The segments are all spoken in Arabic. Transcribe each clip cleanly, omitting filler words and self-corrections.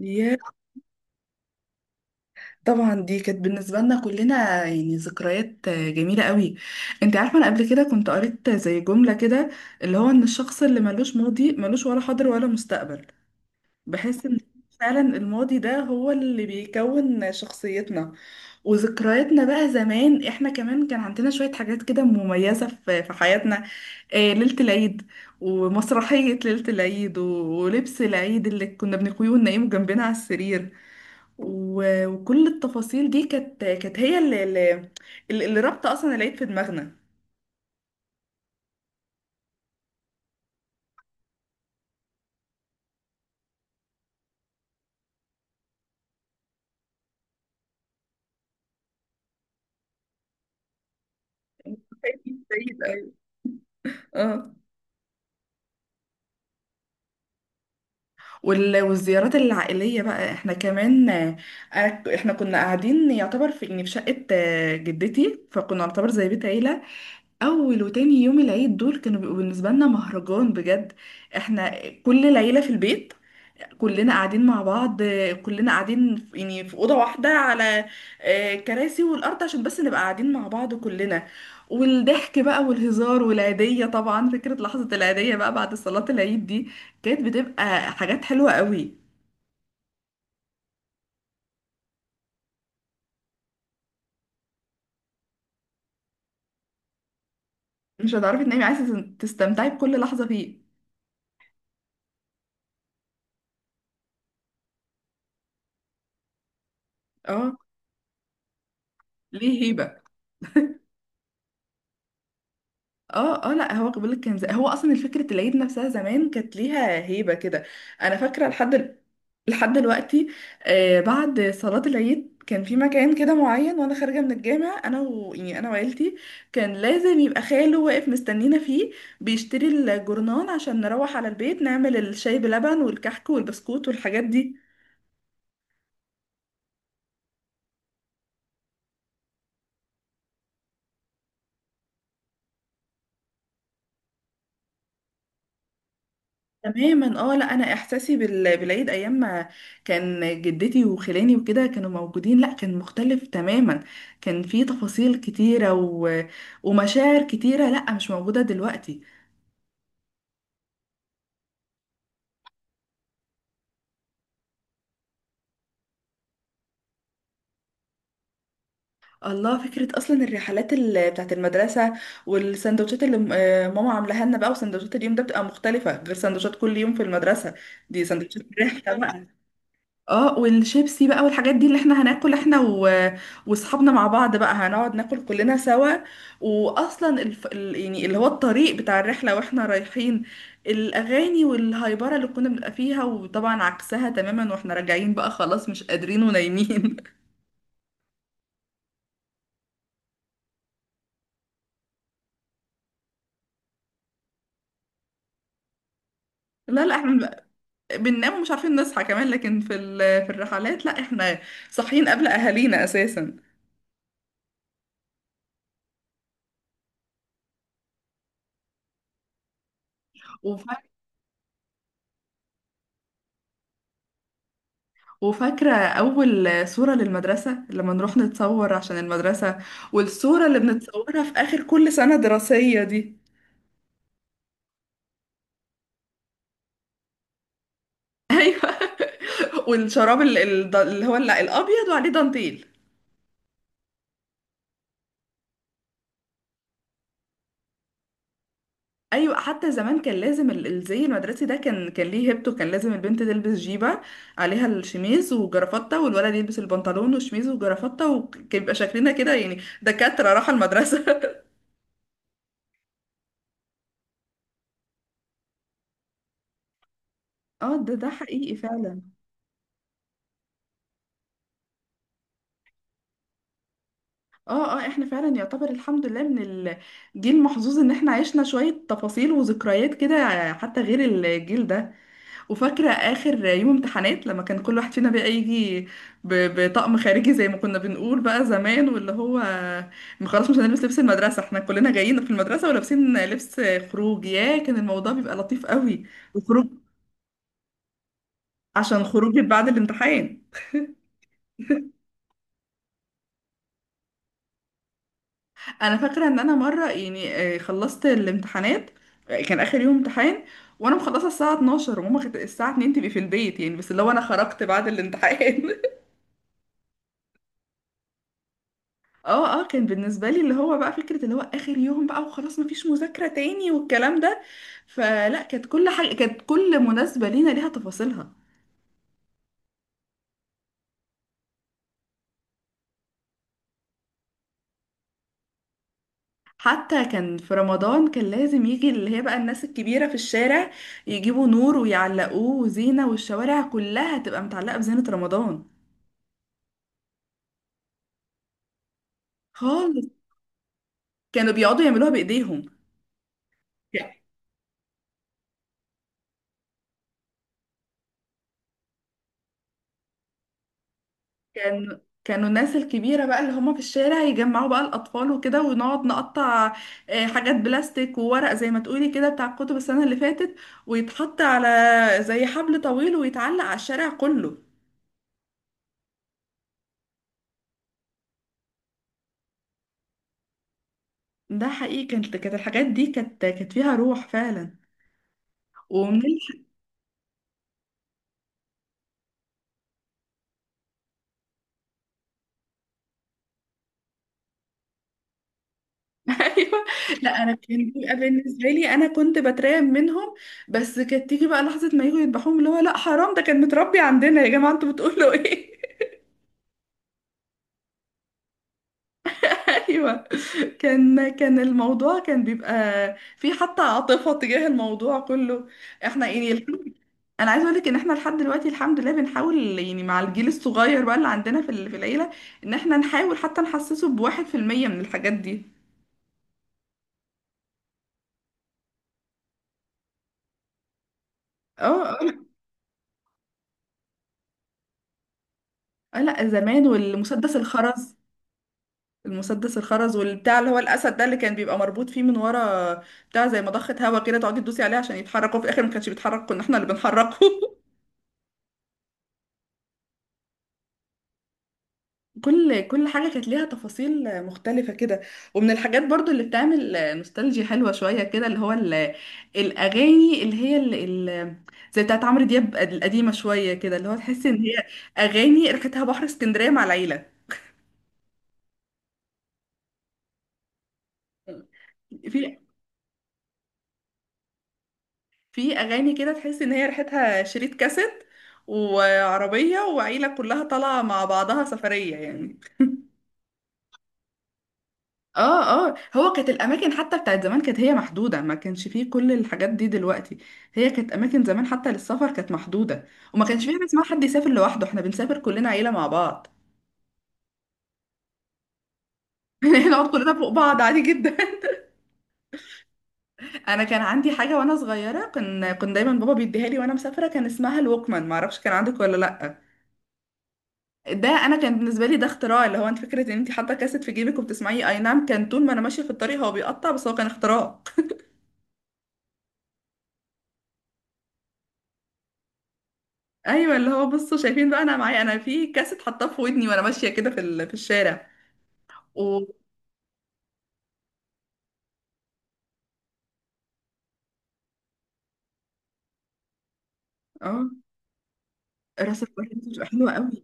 يا طبعا دي كانت بالنسبة لنا كلنا يعني ذكريات جميلة قوي. انت عارفة انا قبل كده كنت قريت زي جملة كده اللي هو ان الشخص اللي ملوش ماضي ملوش ولا حاضر ولا مستقبل. بحس ان فعلا الماضي ده هو اللي بيكون شخصيتنا وذكرياتنا. بقى زمان احنا كمان كان عندنا شوية حاجات كده مميزة في حياتنا، ليلة العيد، ومسرحية ليلة العيد ولبس العيد اللي كنا بنقويه وننيمه جنبنا على السرير، وكل التفاصيل دي كانت هي اللي اللي, رابطه اصلا العيد في دماغنا. عيد، عيد، أيوة. اه والزيارات العائليه بقى، احنا كمان احنا كنا قاعدين يعتبر في يعني في شقه جدتي، فكنا نعتبر زي بيت عيله. اول وتاني يوم العيد دول كانوا بيبقوا بالنسبه لنا مهرجان بجد. احنا كل العيله في البيت، كلنا قاعدين مع بعض، كلنا قاعدين يعني في أوضة واحدة، على كراسي والأرض، عشان بس نبقى قاعدين مع بعض كلنا. والضحك بقى والهزار والعيدية. طبعا فكرة لحظة العيدية بقى بعد صلاة العيد دي كانت بتبقى حاجات حلوة قوي. مش هتعرفي تنامي، عايزة تستمتعي بكل لحظة فيه. اه، ليه هيبة. اه اه، لا هو بقول لك كان زي، هو اصلا فكره العيد نفسها زمان كانت ليها هيبه كده. انا فاكره لحد دلوقتي، آه، بعد صلاه العيد كان في مكان كده معين، وانا خارجه من الجامع انا يعني انا وعيلتي، كان لازم يبقى خاله واقف مستنينا فيه، بيشتري الجورنان، عشان نروح على البيت نعمل الشاي بلبن والكحك والبسكوت والحاجات دي. تماما، اه لا انا احساسي بالعيد ايام ما كان جدتي وخلاني وكده كانوا موجودين، لا كان مختلف تماما. كان في تفاصيل كتيره ومشاعر كتيره، لا مش موجوده دلوقتي. الله، فكره اصلا الرحلات بتاعت المدرسه، والسندوتشات اللي ماما عاملاها لنا بقى. وسندوتشات اليوم ده بتبقى مختلفه غير سندوتشات كل يوم في المدرسه، دي سندوتشات الرحله بقى. اه، والشيبسي بقى والحاجات دي اللي احنا هناكل احنا واصحابنا مع بعض بقى، هنقعد ناكل كلنا سوا. واصلا يعني اللي هو الطريق بتاع الرحله واحنا رايحين، الاغاني والهايبره اللي كنا بنبقى فيها. وطبعا عكسها تماما واحنا راجعين بقى، خلاص مش قادرين ونايمين. لا لا احنا بنبقى- بننام ومش عارفين نصحى كمان. لكن في في الرحلات، لا احنا صاحيين قبل اهالينا اساسا. وفاكرة أول صورة للمدرسة لما نروح نتصور عشان المدرسة، والصورة اللي بنتصورها في آخر كل سنة دراسية دي. والشراب اللي هو الأبيض وعليه دانتيل. أيوة، حتى زمان كان لازم الزي المدرسي ده كان ليه هيبته. كان لازم البنت تلبس جيبة عليها الشميز وجرافتة، والولد يلبس البنطلون والشميز وجرافتة. وكان بيبقى شكلنا كده يعني دكاترة، راحة المدرسة. اه، ده حقيقي فعلا. اه اه، احنا فعلا يعتبر الحمد لله من الجيل المحظوظ ان احنا عشنا شوية تفاصيل وذكريات كده، حتى غير الجيل ده. وفاكرة اخر يوم امتحانات، لما كان كل واحد فينا بقى يجي بطقم خارجي، زي ما كنا بنقول بقى زمان، واللي هو خلاص مش هنلبس لبس المدرسة. احنا كلنا جايين في المدرسة ولابسين لبس خروج، يا كان الموضوع بيبقى لطيف قوي. وخروج عشان خروج بعد الامتحان. انا فاكره ان انا مره يعني خلصت الامتحانات، كان اخر يوم امتحان، وانا مخلصه الساعه 12 وماما كانت الساعه 2 تبقي في البيت يعني، بس اللي هو انا خرجت بعد الامتحان. اه اه، كان بالنسبه لي اللي هو بقى فكره اللي هو اخر يوم بقى وخلاص مفيش مذاكره تاني والكلام ده. فلا، كانت كل حاجه، كانت كل مناسبه لينا ليها تفاصيلها. حتى كان في رمضان، كان لازم يجي اللي هي بقى الناس الكبيره في الشارع، يجيبوا نور ويعلقوه وزينه، والشوارع كلها تبقى متعلقه بزينه رمضان خالص. كانوا بيقعدوا يعملوها بايديهم يعني. كان كانوا الناس الكبيرة بقى اللي هم في الشارع يجمعوا بقى الأطفال وكده، ونقعد نقطع حاجات بلاستيك وورق، زي ما تقولي كده بتاع الكتب السنة اللي فاتت، ويتحط على زي حبل طويل ويتعلق على الشارع كله. ده حقيقي، كانت الحاجات دي كانت فيها روح فعلا. ومن ال- ايوه. لا انا كان بيبقى بالنسبه لي انا كنت بترعب منهم، بس كانت تيجي بقى لحظه ما يجوا يذبحوهم، اللي هو لا حرام، ده كان متربي عندنا يا جماعه انتوا بتقولوا ايه. ايوه، كان كان الموضوع كان بيبقى في حتى عاطفه تجاه الموضوع كله. احنا يعني انا عايزه اقول لك ان احنا لحد دلوقتي الحمد لله بنحاول يعني مع الجيل الصغير بقى اللي عندنا في العيله، ان احنا نحاول حتى نحسسه ب1% من الحاجات دي. اه اه، لا لا، زمان والمسدس الخرز. المسدس الخرز والبتاع اللي هو الاسد ده اللي كان بيبقى مربوط فيه من ورا، بتاع زي مضخه هوا كده تقعدي تدوسي عليه عشان يتحرك، وفي الاخر ما كانش بيتحرك، كنا احنا اللي بنحركه. كل حاجة كانت ليها تفاصيل مختلفة كده. ومن الحاجات برضو اللي بتعمل نوستالجي حلوة شوية كده، اللي هو الأغاني اللي هي ال زي بتاعت عمرو دياب القديمة شوية كده، اللي هو تحس إن هي أغاني ريحتها بحر اسكندرية مع العيلة. في في أغاني كده تحس إن هي ريحتها شريط كاسيت، وعربية وعيلة كلها طالعة مع بعضها سفرية يعني. اه اه، هو كانت الاماكن حتى بتاعت زمان كانت هي محدوده، ما كانش فيه كل الحاجات دي دلوقتي. هي كانت اماكن زمان حتى للسفر كانت محدوده، وما كانش فيه حاجه اسمها حد يسافر لوحده، احنا بنسافر كلنا عيله مع بعض. نقعد كلنا فوق بعض عادي جدا. انا كان عندي حاجه وانا صغيره، كان كنت دايما بابا بيديها لي وانا مسافره، كان اسمها الوكمان، ما اعرفش كان عندك ولا لا. ده انا كان بالنسبه لي ده اختراع، اللي هو انت فكره ان انت حاطه كاسيت في جيبك وبتسمعيه. اي نعم كان طول ما انا ماشيه في الطريق هو بيقطع، بس هو كان اختراع. ايوه اللي هو بصوا شايفين بقى انا معايا انا في كاسيت حاطاه في ودني وانا ماشيه كده في الشارع و. اه، راس البر دي بتبقى حلوه قوي.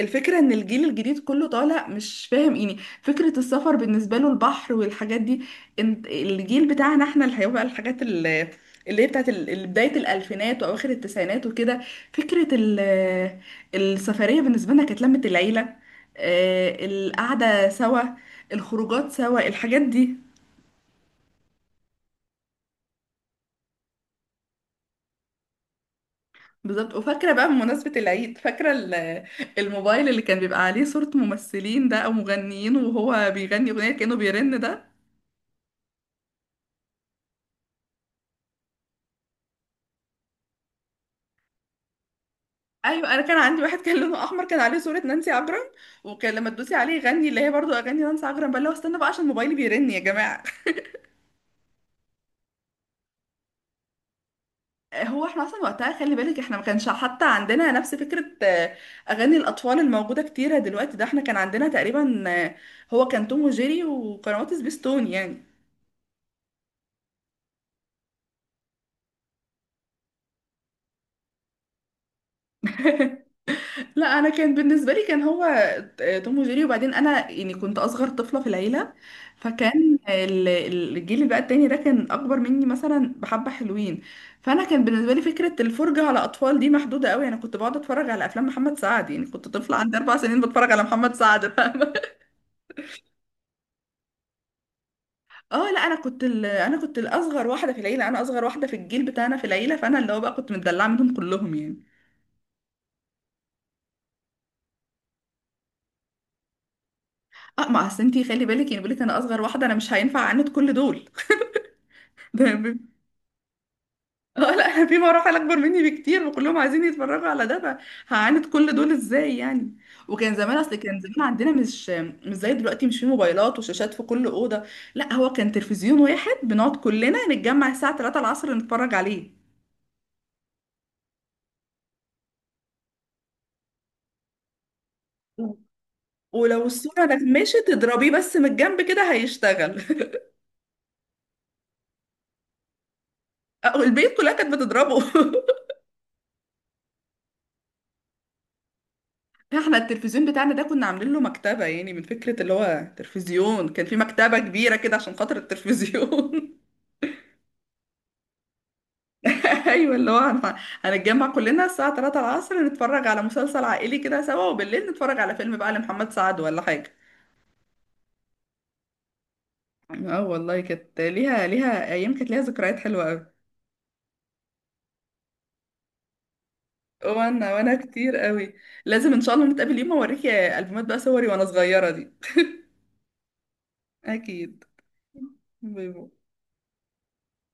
الفكره ان الجيل الجديد كله طالع مش فاهم يعني فكره السفر بالنسبه له البحر والحاجات دي. انت الجيل بتاعنا احنا اللي هيبقى الحاجات اللي اللي هي بتاعت بدايه الالفينات واواخر التسعينات وكده. فكره السفريه بالنسبه لنا كانت لمه العيله، القعده سوا، الخروجات سوا، الحاجات دي. بالظبط. وفاكرة بقى بمناسبة العيد، فاكرة الموبايل اللي كان بيبقى عليه صورة ممثلين ده أو مغنيين، وهو بيغني أغنية كأنه بيرن ده. أيوة، أنا كان عندي واحد كان لونه أحمر، كان عليه صورة نانسي عجرم، وكان لما تدوسي عليه يغني اللي هي برضو أغاني نانسي عجرم بقى، اللي هو استنى بقى عشان موبايلي بيرن يا جماعة. هو احنا أصلا وقتها خلي بالك احنا ما كانش حتى عندنا نفس فكرة أغاني الأطفال الموجودة كتيرة دلوقتي. ده احنا كان عندنا تقريبا هو كان توم وجيري وقنوات سبيستون يعني. لا انا كان بالنسبه لي كان هو توم وجيري. وبعدين انا يعني كنت اصغر طفله في العيله، فكان الجيل بقى التاني ده كان اكبر مني، مثلا بحبه حلوين. فانا كان بالنسبه لي فكره الفرجه على اطفال دي محدوده قوي، انا كنت بقعد اتفرج على افلام محمد سعد يعني، كنت طفله عندي 4 سنين بتفرج على محمد سعد، فاهمه. اه لا، انا كنت انا كنت الاصغر واحده في العيله، انا اصغر واحده في الجيل بتاعنا في العيله، فانا اللي هو بقى كنت متدلعه منهم كلهم يعني. اه، ما اصل انتي خلي بالك يعني بقول لك انا اصغر واحده، انا مش هينفع اعاند كل دول. اه لا انا في مراحل اكبر مني بكتير وكلهم عايزين يتفرجوا على ده، فهعاند كل دول ازاي يعني. وكان زمان، اصل كان زمان عندنا مش مش زي دلوقتي، مش في موبايلات وشاشات في كل اوضه. لا هو كان تلفزيون واحد، بنقعد كلنا نتجمع الساعه 3 العصر نتفرج عليه. ولو الصوره نغمشت تضربيه بس من الجنب كده هيشتغل. أو البيت كلها كانت بتضربه. احنا التلفزيون بتاعنا ده كنا عاملين له مكتبه يعني، من فكره اللي هو تلفزيون، كان في مكتبه كبيره كده عشان خاطر التلفزيون. ايوه اللي هو هنتجمع كلنا الساعة 3 العصر نتفرج على مسلسل عائلي كده سوا، وبالليل نتفرج على فيلم بقى لمحمد سعد ولا حاجة. اه والله، كانت ليها، ليها ايام، كانت ليها ذكريات حلوة قوي. وانا، وانا كتير قوي. لازم ان شاء الله نتقابل يوم اوريكي البومات بقى صوري وانا صغيرة دي. اكيد. باي باي.